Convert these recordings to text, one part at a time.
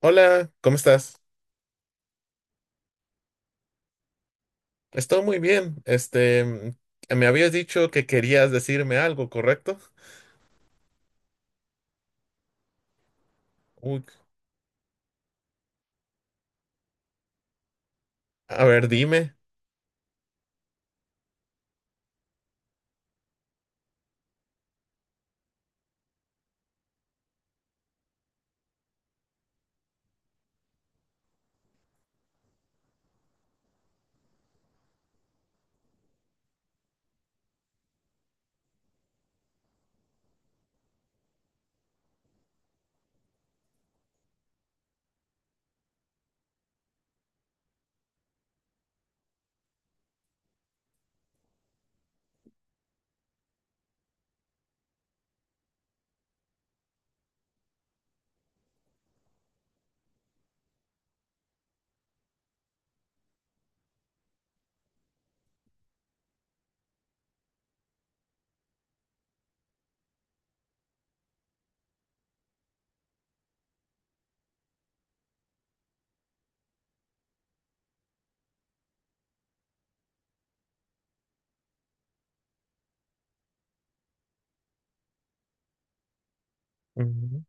Hola, ¿cómo estás? Estoy muy bien. Me habías dicho que querías decirme algo, ¿correcto? Uy, a ver, dime. Ujú.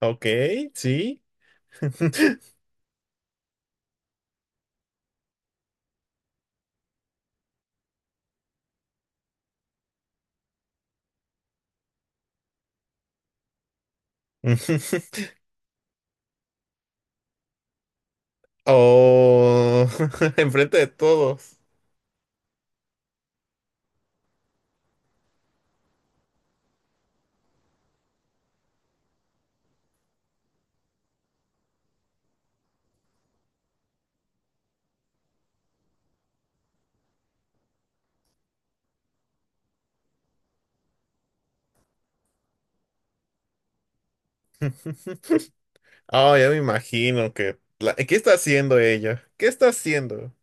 Ok, sí. Ujú. Oh, enfrente de todos. Oh, ya me imagino que... ¿Qué está haciendo ella? ¿Qué está haciendo?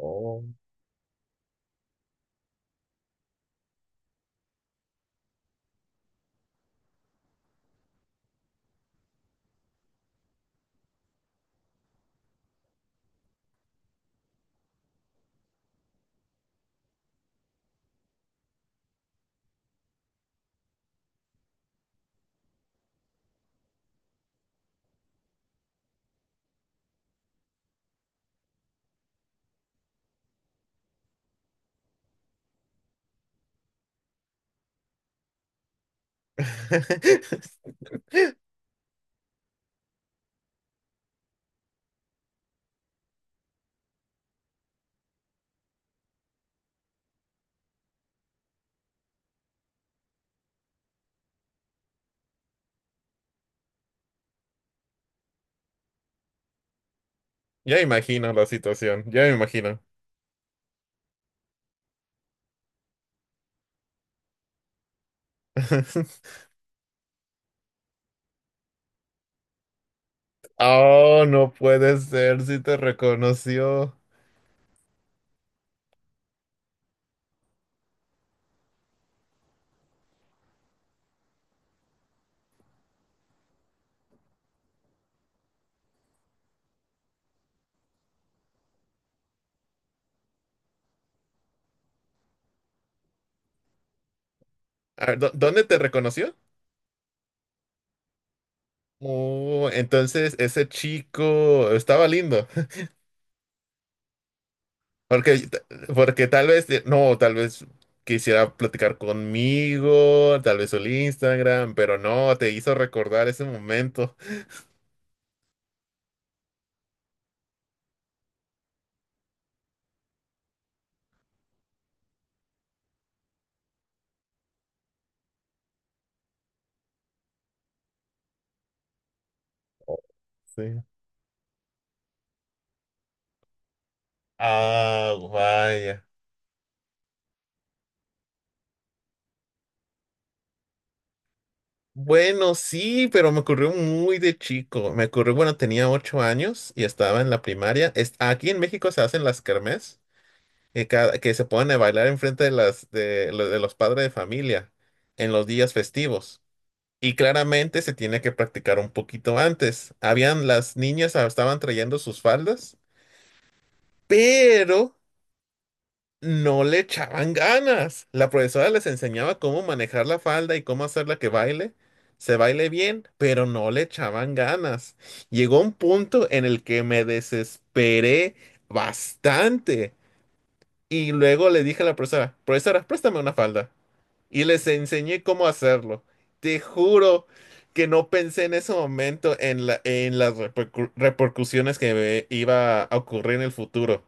Oh. Ya imagino la situación, ya me imagino. Oh, no puede ser, si te reconoció. A ver, ¿dónde te reconoció? Oh, entonces ese chico estaba lindo. Porque, t- porque tal vez, no, tal vez quisiera platicar conmigo, tal vez el Instagram, pero no, te hizo recordar ese momento. Oh, sí. Ah, vaya. Bueno, sí, pero me ocurrió muy de chico. Me ocurrió, bueno, tenía 8 años y estaba en la primaria. Aquí en México se hacen las kermés, que se ponen a bailar enfrente de los padres de familia en los días festivos. Y claramente se tiene que practicar un poquito antes. Habían las niñas estaban trayendo sus faldas, pero no le echaban ganas. La profesora les enseñaba cómo manejar la falda y cómo hacerla que baile, se baile bien, pero no le echaban ganas. Llegó un punto en el que me desesperé bastante. Y luego le dije a la profesora, profesora, préstame una falda. Y les enseñé cómo hacerlo. Te juro que no pensé en ese momento en las repercusiones que me iba a ocurrir en el futuro.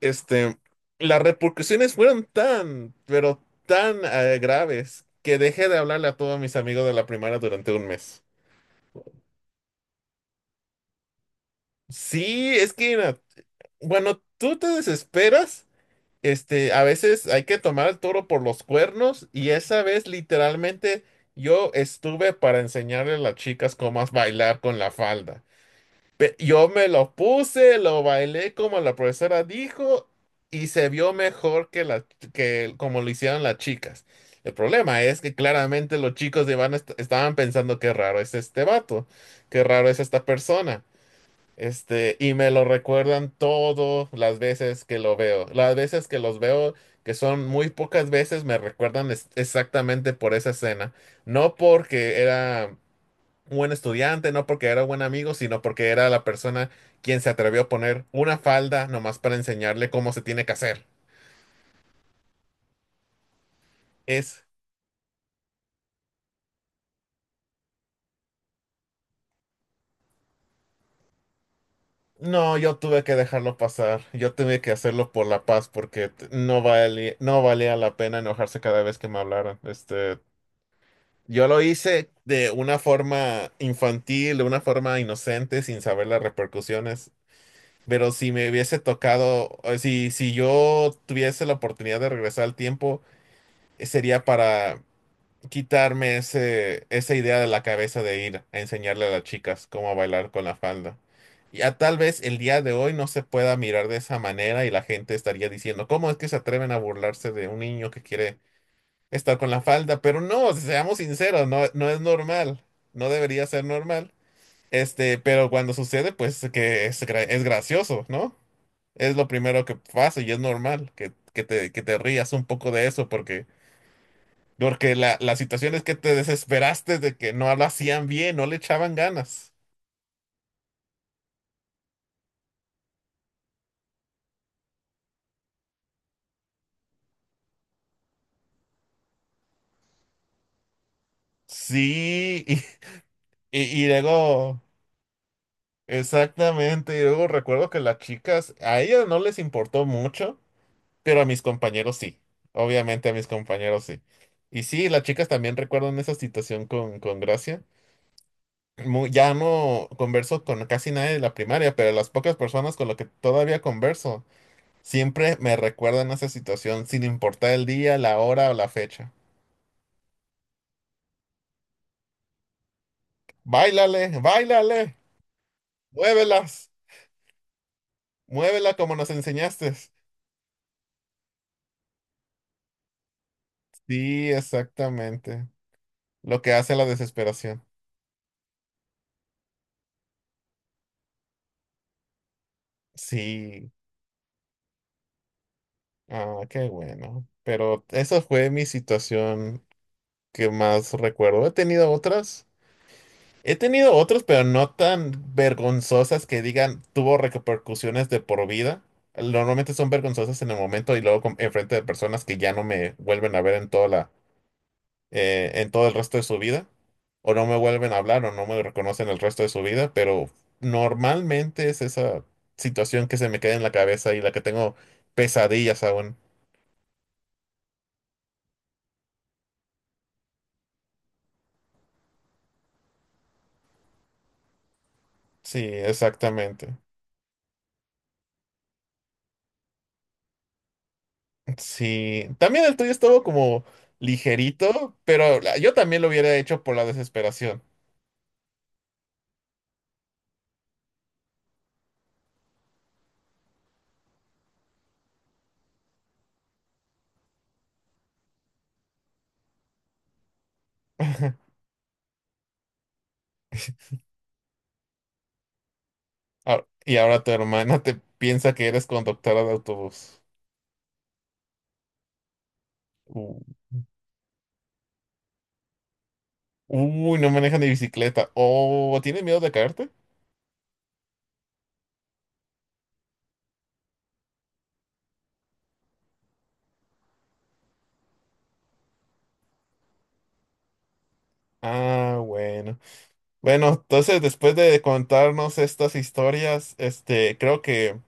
Este, las repercusiones fueron tan, pero tan graves que dejé de hablarle a todos mis amigos de la primaria durante un mes. Sí, es que, mira, bueno, tú te desesperas. A veces hay que tomar el toro por los cuernos y esa vez literalmente yo estuve para enseñarle a las chicas cómo bailar con la falda. Yo me lo puse, lo bailé como la profesora dijo y se vio mejor que como lo hicieron las chicas. El problema es que claramente los chicos de Iván estaban pensando qué raro es este vato, qué raro es esta persona. Y me lo recuerdan todas las veces que lo veo. Las veces que los veo, que son muy pocas veces, me recuerdan exactamente por esa escena. No porque era un buen estudiante, no porque era buen amigo, sino porque era la persona quien se atrevió a poner una falda nomás para enseñarle cómo se tiene que hacer. Es, no, yo tuve que dejarlo pasar. Yo tuve que hacerlo por la paz porque no valía, la pena enojarse cada vez que me hablaran. Yo lo hice de una forma infantil, de una forma inocente, sin saber las repercusiones. Pero si me hubiese tocado, o si yo tuviese la oportunidad de regresar al tiempo, sería para quitarme esa idea de la cabeza de ir a enseñarle a las chicas cómo bailar con la falda. Ya tal vez el día de hoy no se pueda mirar de esa manera y la gente estaría diciendo, ¿cómo es que se atreven a burlarse de un niño que quiere estar con la falda? Pero no, seamos sinceros, no, no es normal, no debería ser normal. Pero cuando sucede, pues que es gracioso, ¿no? Es lo primero que pasa y es normal que te rías un poco de eso, porque porque la situación es que te desesperaste de que no lo hacían bien, no le echaban ganas. Sí, y luego, exactamente, y luego recuerdo que las chicas, a ellas no les importó mucho. Pero a mis compañeros sí. Obviamente a mis compañeros sí. Y sí, las chicas también recuerdan esa situación con gracia. Ya no converso con casi nadie de la primaria, pero las pocas personas con las que todavía converso siempre me recuerdan esa situación, sin importar el día, la hora o la fecha. ¡Báilale! ¡Báilale! ¡Muévelas! ¡Muévela como nos enseñaste! Sí, exactamente. Lo que hace la desesperación. Sí. Ah, qué bueno. Pero esa fue mi situación que más recuerdo. He tenido otras. He tenido otras, pero no tan vergonzosas que digan tuvo repercusiones de por vida. Normalmente son vergonzosas en el momento y luego enfrente de personas que ya no me vuelven a ver en toda la, en todo el resto de su vida. O no me vuelven a hablar o no me reconocen el resto de su vida. Pero normalmente es esa situación que se me queda en la cabeza y la que tengo pesadillas aún. Sí, exactamente. Sí, también el tuyo estuvo como ligerito, pero yo también lo hubiera hecho por la desesperación. Y ahora tu hermana te piensa que eres conductora de autobús. U- Uy, no maneja ni bicicleta. Oh, ¿tienes miedo de caerte? Ah, bueno. Bueno, entonces después de contarnos estas historias, creo que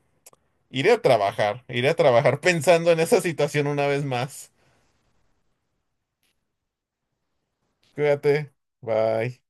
iré a trabajar. Iré a trabajar pensando en esa situación una vez más. Cuídate. Bye.